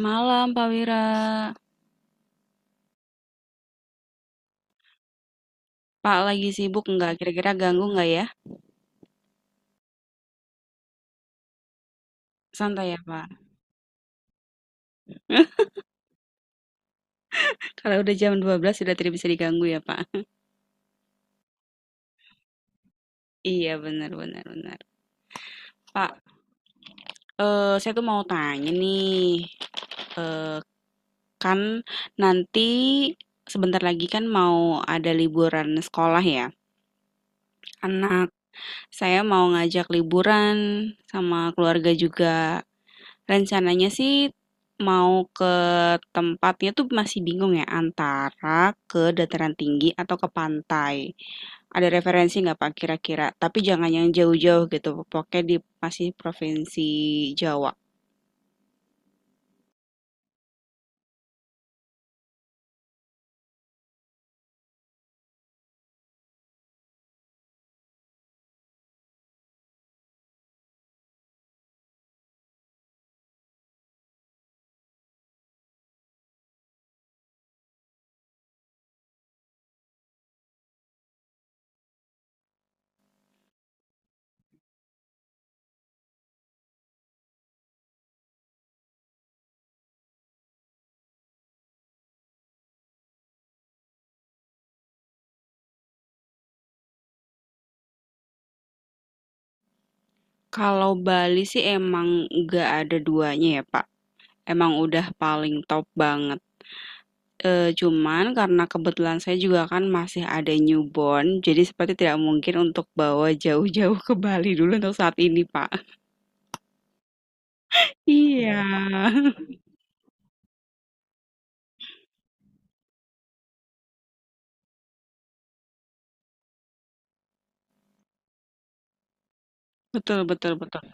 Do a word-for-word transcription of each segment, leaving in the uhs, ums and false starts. Malam, Pak Wira. Pak lagi sibuk nggak? Kira-kira ganggu nggak ya? Santai ya, Pak. Kalau udah jam dua belas sudah tidak bisa diganggu ya, Pak. Iya, benar benar benar. Pak, eh, saya tuh mau tanya nih. Eh, Kan nanti sebentar lagi kan mau ada liburan sekolah ya. Anak saya mau ngajak liburan sama keluarga juga. Rencananya sih mau ke tempatnya tuh masih bingung ya antara ke dataran tinggi atau ke pantai. Ada referensi nggak, Pak, kira-kira? Tapi jangan yang jauh-jauh gitu, pokoknya di masih provinsi Jawa. Kalau Bali sih emang nggak ada duanya ya, Pak. Emang udah paling top banget. Eh, cuman karena kebetulan saya juga kan masih ada newborn, jadi seperti tidak mungkin untuk bawa jauh-jauh ke Bali dulu untuk saat ini, Pak. Iya, betul betul betul.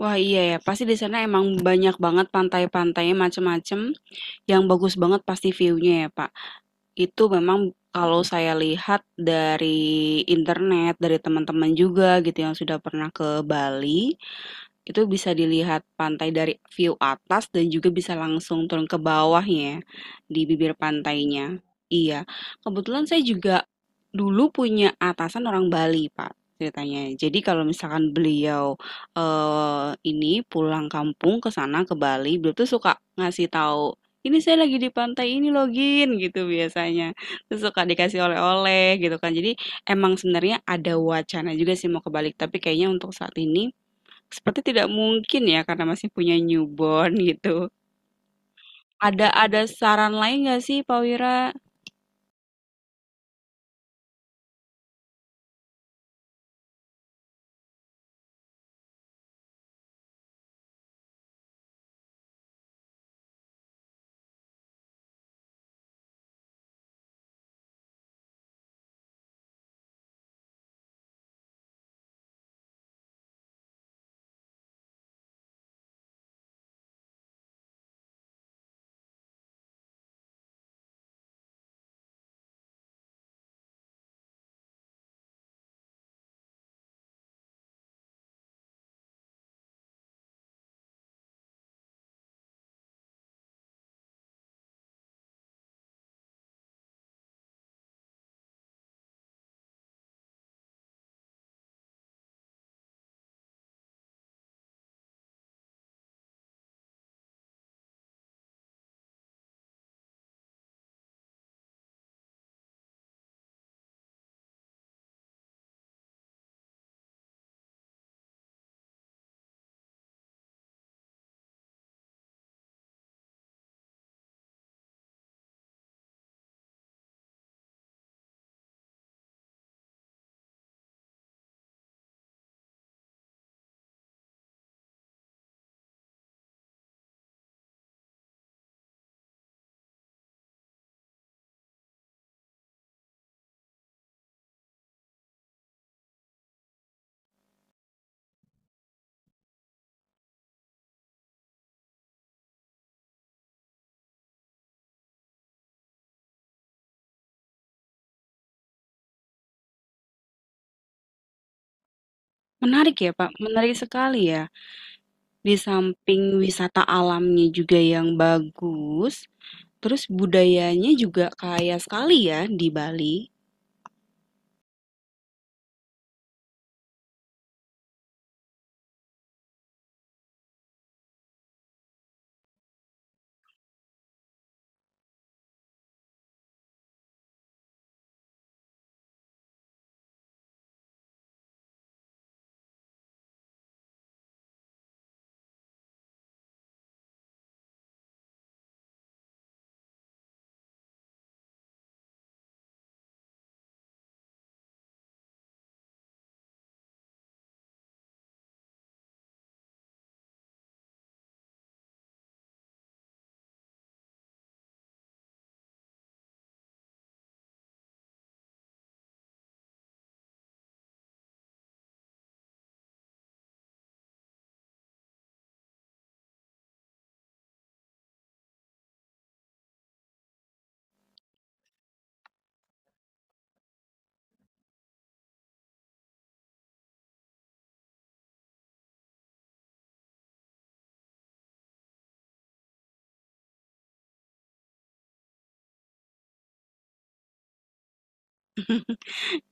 Wah, iya ya, pasti di sana emang banyak banget pantai-pantainya macem-macem, yang bagus banget pasti view-nya ya, Pak. Itu memang kalau saya lihat dari internet, dari teman-teman juga gitu yang sudah pernah ke Bali, itu bisa dilihat pantai dari view atas dan juga bisa langsung turun ke bawahnya di bibir pantainya. Iya, kebetulan saya juga dulu punya atasan orang Bali, Pak, ceritanya. Jadi kalau misalkan beliau eh ini pulang kampung ke sana ke Bali, beliau tuh suka ngasih tahu, ini saya lagi di pantai ini login gitu biasanya. Terus suka dikasih oleh-oleh gitu kan. Jadi emang sebenarnya ada wacana juga sih mau ke Bali, tapi kayaknya untuk saat ini seperti tidak mungkin ya karena masih punya newborn gitu. Ada ada saran lain nggak sih, Pak Wira? Menarik ya, Pak, menarik sekali ya. Di samping wisata alamnya juga yang bagus, terus budayanya juga kaya sekali ya di Bali.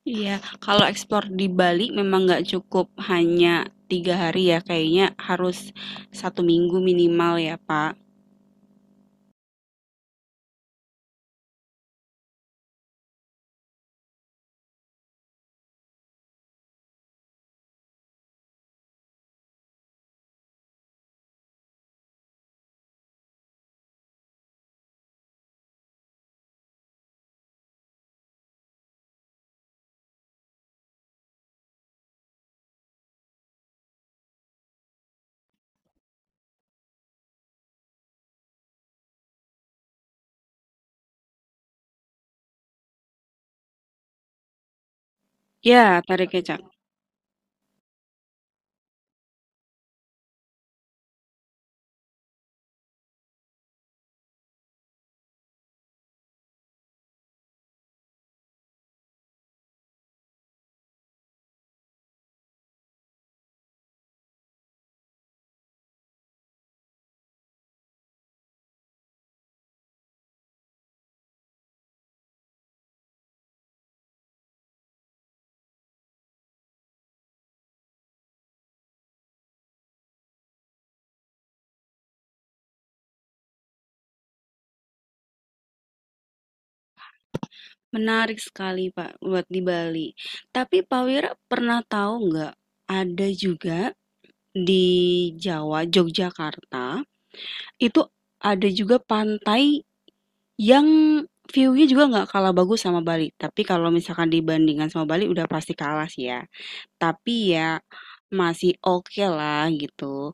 Iya, kalau eksplor di Bali memang nggak cukup hanya tiga hari ya, kayaknya harus satu minggu minimal ya, Pak. Ya, tariknya menarik sekali, Pak, buat di Bali. Tapi Pak Wira pernah tahu nggak, ada juga di Jawa, Yogyakarta, itu ada juga pantai yang view-nya juga nggak kalah bagus sama Bali. Tapi kalau misalkan dibandingkan sama Bali udah pasti kalah sih ya. Tapi ya masih oke lah gitu.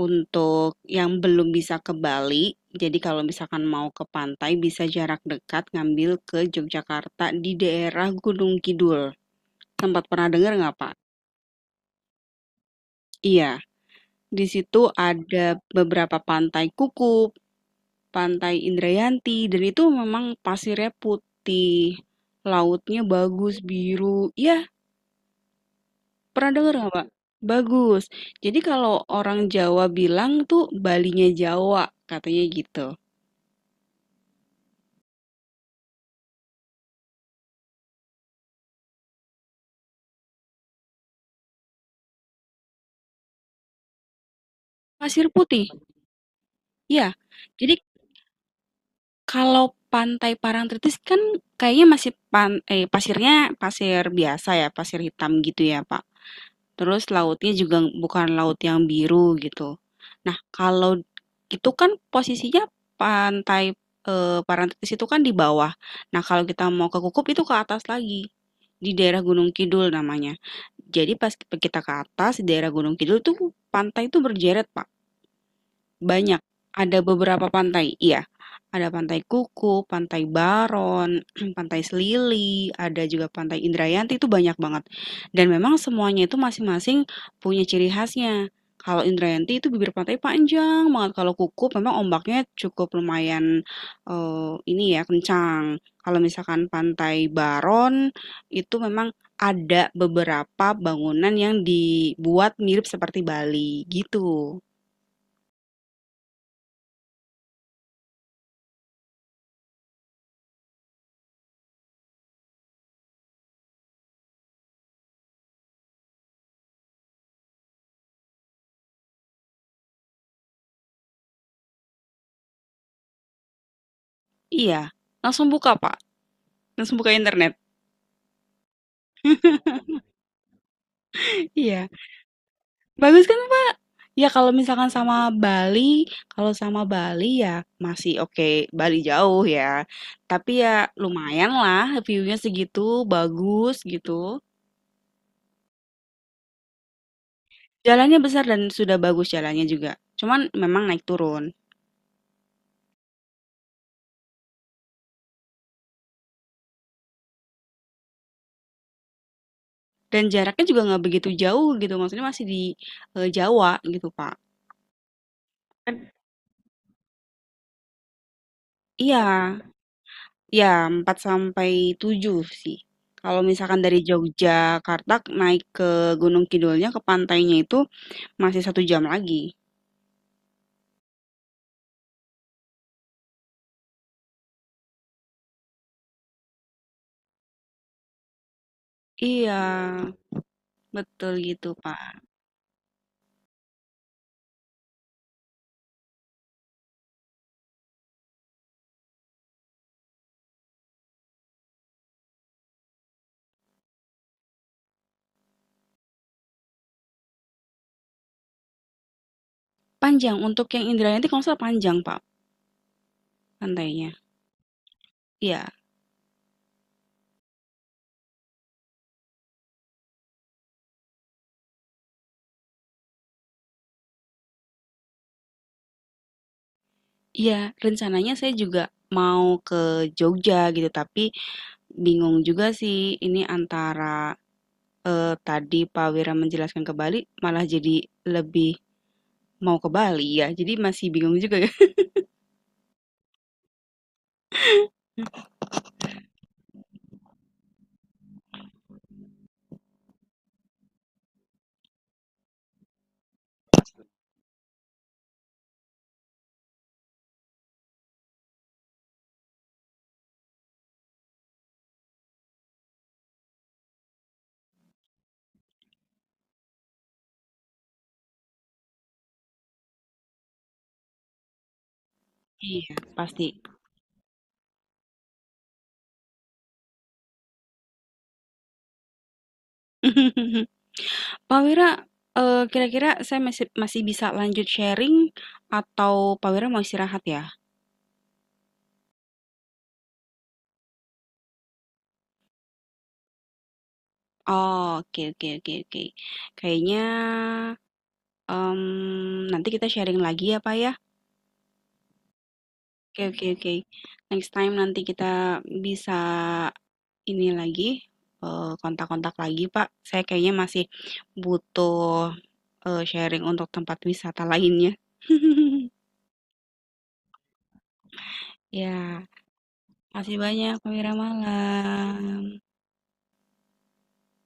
Untuk yang belum bisa ke Bali, jadi kalau misalkan mau ke pantai bisa jarak dekat ngambil ke Yogyakarta di daerah Gunung Kidul. Sempat pernah dengar nggak, Pak? Iya, di situ ada beberapa pantai Kukup, pantai Indrayanti, dan itu memang pasirnya putih, lautnya bagus, biru. Ya, pernah dengar nggak, Pak? Bagus. Jadi kalau orang Jawa bilang tuh Balinya Jawa, katanya gitu. Pasir putih. Iya, jadi kalau Pantai Parangtritis kan kayaknya masih pan eh pasirnya pasir biasa ya, pasir hitam gitu ya, Pak. Terus lautnya juga bukan laut yang biru gitu. Nah, kalau itu kan posisinya Pantai eh, Parangtritis itu kan di bawah. Nah, kalau kita mau ke Kukup itu ke atas lagi, di daerah Gunung Kidul namanya. Jadi pas kita ke atas di daerah Gunung Kidul tuh pantai itu berjejer, Pak. Banyak, ada beberapa pantai, iya. Ada Pantai kuku Pantai Baron, Pantai Selili, ada juga Pantai Indrayanti, itu banyak banget. Dan memang semuanya itu masing-masing punya ciri khasnya. Kalau Indrayanti itu bibir pantai panjang banget. Kalau kuku memang ombaknya cukup lumayan eh, ini ya, kencang. Kalau misalkan Pantai Baron itu memang ada beberapa bangunan yang dibuat mirip seperti Bali gitu. Iya, langsung buka, Pak. Langsung buka internet. Iya. Bagus kan, Pak? Ya kalau misalkan sama Bali, kalau sama Bali ya masih oke, Bali jauh ya. Tapi ya lumayan lah, view-nya segitu, bagus gitu. Jalannya besar dan sudah bagus jalannya juga. Cuman memang naik turun. Dan jaraknya juga nggak begitu jauh gitu, maksudnya masih di eh, Jawa gitu, Pak. Kan iya, ya, empat sampai tujuh sih. Kalau misalkan dari Yogyakarta naik ke Gunung Kidulnya ke pantainya itu masih satu jam lagi. Iya, betul gitu, Pak. Panjang untuk yang Indrayani itu kalau nggak salah panjang, Pak, pantainya. Iya, iya, rencananya saya juga mau ke Jogja gitu, tapi bingung juga sih ini antara eh, tadi Pak Wira menjelaskan ke Bali malah jadi lebih mau ke Bali ya. Jadi masih bingung juga ya. Iya, pasti. Pak Wira, eh, kira-kira saya masih masih bisa lanjut sharing atau Pak Wira mau istirahat ya? Oh, oke oke oke oke. Kayaknya em, nanti kita sharing lagi ya, Pak, ya. Oke oke oke. Next time nanti kita bisa ini lagi eh, kontak-kontak lagi, Pak. Saya kayaknya masih butuh eh, sharing untuk tempat wisata lainnya. Ya, kasih banyak Pak Wira malam.